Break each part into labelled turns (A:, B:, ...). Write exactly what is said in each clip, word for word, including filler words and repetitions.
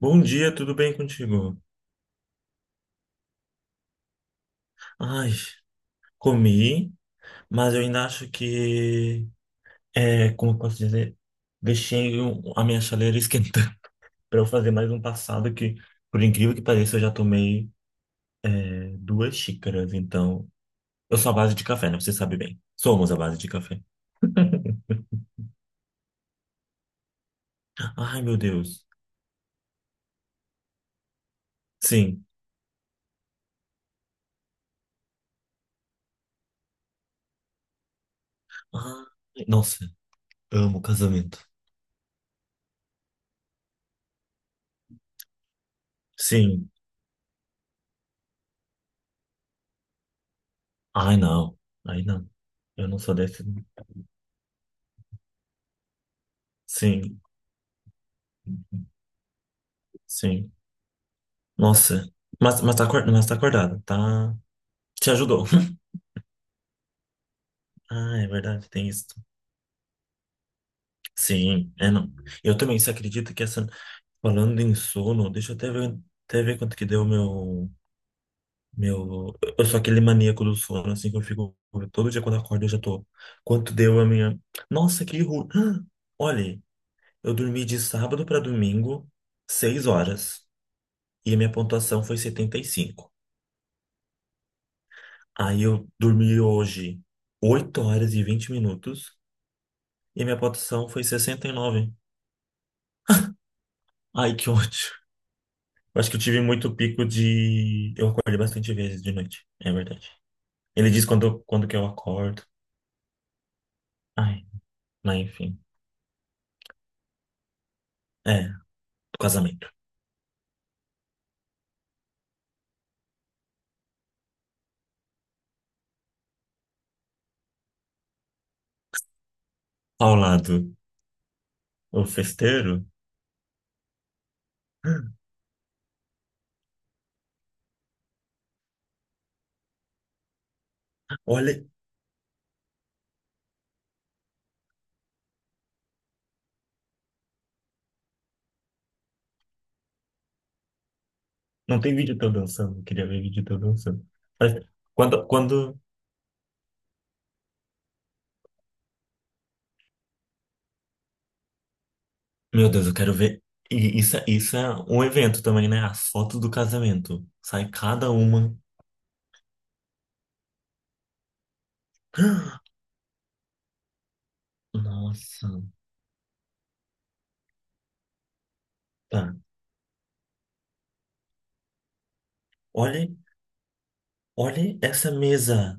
A: Bom dia, tudo bem contigo? Ai, comi, mas eu ainda acho que, é, como eu posso dizer, deixei o- a minha chaleira esquentando para eu fazer mais um passado que, por incrível que pareça, eu já tomei, é, duas xícaras, então... Eu sou à base de café, né? Você sabe bem. Somos à base de café. Ai, meu Deus. Sim. Ai, nossa, amo casamento. Sim. Ai, não. Ai, não. Eu não sou desse. Sim, sim. Nossa, mas, mas tá acordado, mas tá acordado, tá? Te ajudou. Ah, é verdade, tem isso. Sim, é não. Eu também, você acredita que essa. Falando em sono, deixa eu até ver, até ver quanto que deu o meu. Meu. Eu sou aquele maníaco do sono, assim, que eu fico. Todo dia quando eu acordo eu já tô. Quanto deu a minha. Nossa, que ruim. Olha, eu dormi de sábado pra domingo, seis horas. E a minha pontuação foi setenta e cinco. Aí eu dormi hoje, oito horas e vinte minutos. E minha pontuação foi sessenta e nove. Ai, que ódio. Eu Acho que eu tive muito pico de. Eu acordei bastante vezes de noite. É verdade. Ele diz quando, quando, que eu acordo. Ai, mas enfim. É, Casamento. Ao lado, o festeiro. Olha, não tem vídeo teu dançando. Eu Queria ver vídeo teu dançando. Mas Quando, quando. Meu Deus, eu quero ver. E isso, é- isso é um evento também, né? As fotos do casamento. Sai cada uma. Nossa. Tá. Olha, olha essa mesa.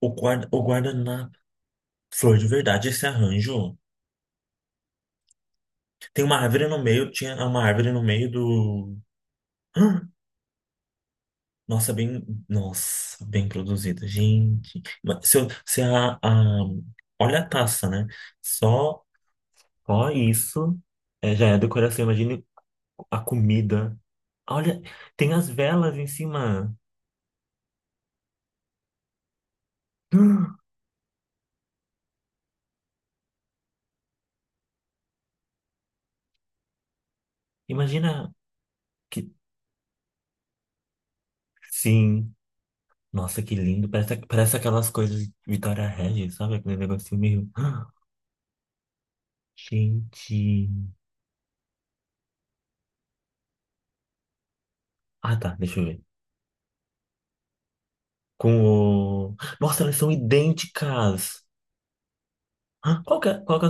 A: O guarda, o guardanapo. Flor de verdade, esse arranjo. Tem uma árvore no meio, tinha uma árvore no meio do. Ah, Nossa, bem. Nossa, bem produzida, gente. Mas se, eu- se a, a- Olha a taça, né? Só, só isso é, já é decoração. Imagine a comida. Olha, tem as velas em cima. Ah, Imagina que. Sim. Nossa, que lindo. Parece, parece aquelas coisas de Vitória Regis, sabe? Aquele negocinho meio. Gente. Ah, tá, deixa eu ver. Com o. Nossa, elas são idênticas! Hã? Qual que é? Qual que é?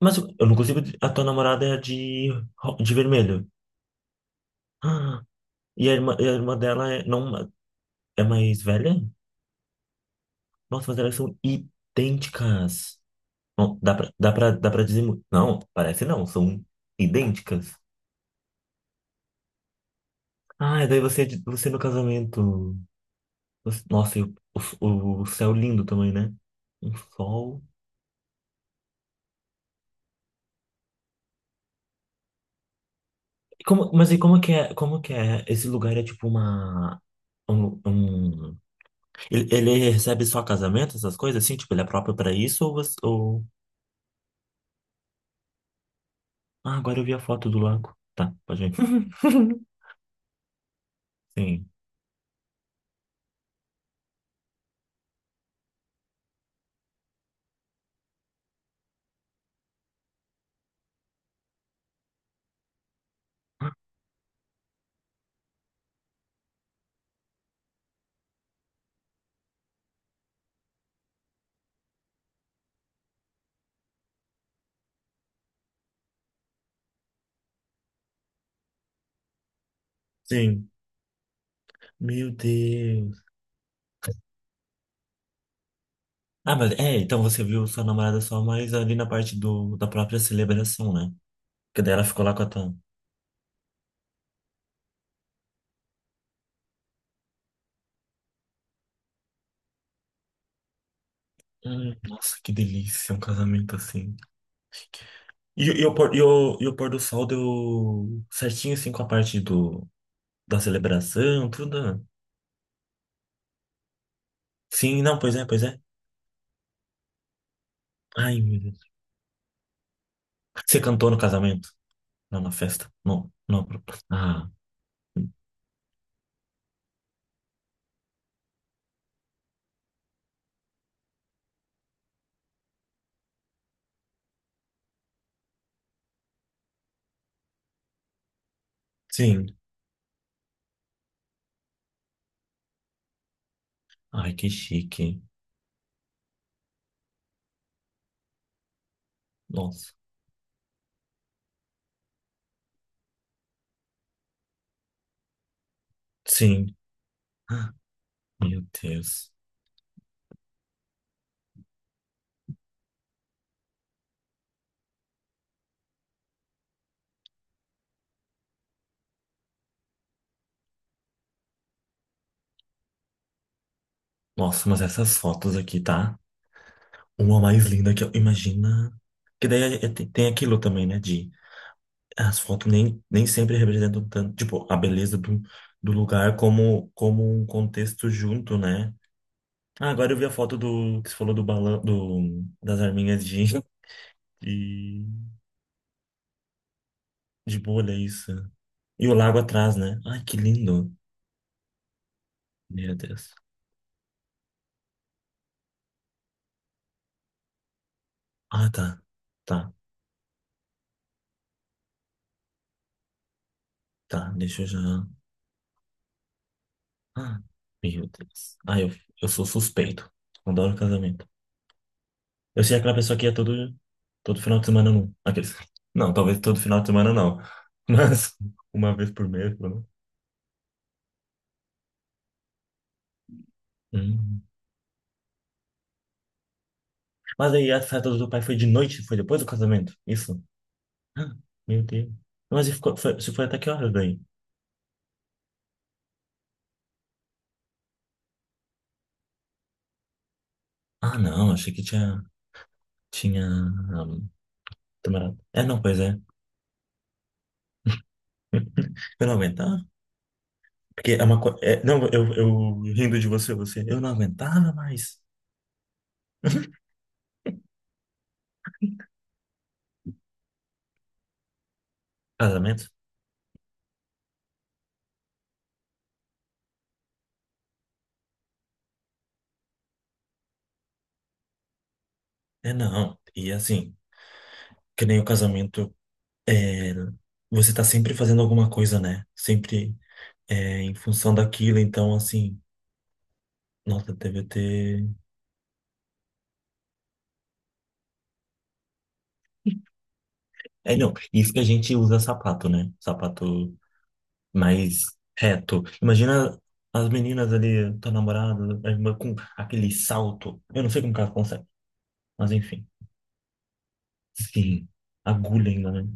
A: Mas eu não consigo. A tua namorada é de, ro- de vermelho. Ah, E a irmã, e a irmã dela é, não, é mais velha? Nossa, mas elas são idênticas. Não, dá pra, dá pra, dá pra dizer. mu- Não, parece não, são idênticas. Ah, e daí você, você, é no casamento. Você- Nossa, e o, o, o céu lindo também, né? Um sol. E Como, mas e como que é, como que é? Esse lugar é tipo uma um, um- ele, ele recebe só casamento, essas coisas assim, tipo, ele é próprio pra isso ou, você- ou. Ah, agora eu vi a foto do lago. Tá, pode ir. Sim. Sim. Meu Deus. Ah, mas é, então você viu sua namorada só mais ali na parte do da própria celebração, né? Que daí ela ficou lá com a Tam. Hum, nossa, que delícia um casamento assim. E, e o pôr, e, o, e o pôr do sol deu certinho assim com a parte do da celebração, tudo. Sim, não, pois é, pois é. Ai, meu Deus. Você cantou no casamento? Não, na festa. Não, não. Ah, sim. Ai, que chique. Nossa. Sim. Meu Deus. Nossa, mas essas fotos aqui, tá? Uma mais linda que eu. Imagina. Que daí é- é- tem tem aquilo também, né? De as fotos nem, nem sempre representam tanto, tipo, a beleza do, do lugar como, como, um contexto junto, né? Ah, agora eu vi a foto do que você falou do balão, do, das arminhas de, de, de bolha, é isso. E o lago atrás, né? Ai, que lindo. Meu Deus. Ah, tá. Tá, tá. Deixa eu já. Ah, meu Deus. Ah, eu, eu sou suspeito. Adoro casamento. Eu sei aquela pessoa que ia todo, todo final de semana, não. Aqueles... Não, talvez todo final de semana não. Mas uma vez por mês, pelo menos. Hum. Mas aí a festa do teu pai foi de noite? Foi depois do casamento? Isso? Meu Deus. Mas e ficou, foi, você foi até que horas daí? Ah, não, achei que tinha, tinha, um, demorado. É, não, pois é. Eu não aguentava, porque é uma coisa, não, eu, eu rindo de você, você, eu não aguentava mais. Casamento? É, não. E assim, que nem o casamento, é, você tá sempre fazendo alguma coisa, né? Sempre é, em função daquilo, então assim, nossa, deve ter... É, não, isso que a gente usa sapato, né? Sapato mais reto. Imagina as meninas ali, tua namorada, a irmã, com aquele salto. Eu não sei como que elas conseguem, mas enfim. Sim, agulha ainda, né?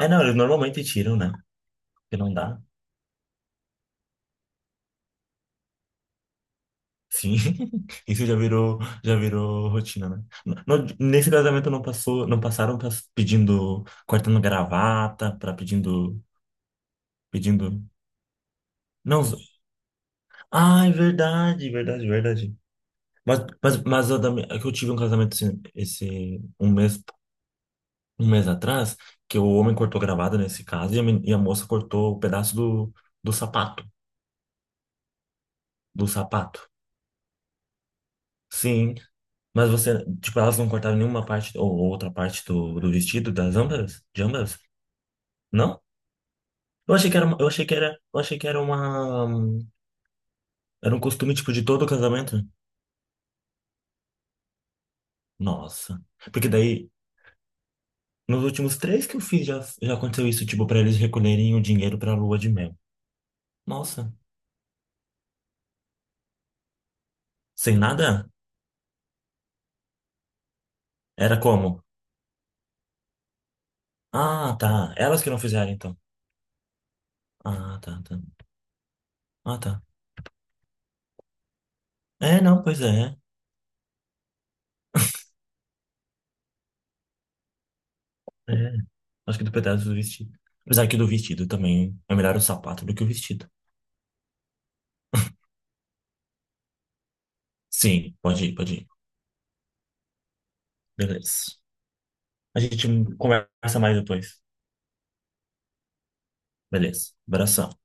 A: É, não, eles normalmente tiram, né? Porque não dá. Sim, isso já virou, já virou rotina, né? No- nesse casamento não passou, não passaram pas- pedindo, cortando gravata, para pedindo, pedindo. Não, zo- ah, é verdade, verdade, verdade. Mas, mas, mas eu, também- é que eu tive um casamento esse, esse um mês um mês atrás que o homem cortou gravata nesse caso e a, men- e a moça cortou o pedaço do, do sapato. Do sapato. Sim. Mas você, tipo, elas não cortaram nenhuma parte ou outra parte do, do vestido das ambas? De ambas? Não? Eu achei que era, uma- eu achei que era, eu achei que era uma, era um costume, tipo, de todo casamento. Nossa. Porque daí, nos últimos três que eu fiz, já, já aconteceu isso, tipo, pra eles recolherem o dinheiro pra lua de mel. Nossa. Sem nada? Era como? Ah, tá. Elas que não fizeram, então. Ah, tá, tá. Ah, tá. É, não, pois é. É. Acho que do pedaço do vestido. Apesar que do vestido também é melhor o sapato do que o vestido. Sim, pode ir, pode ir. Beleza. A gente conversa mais depois. Beleza. Abração.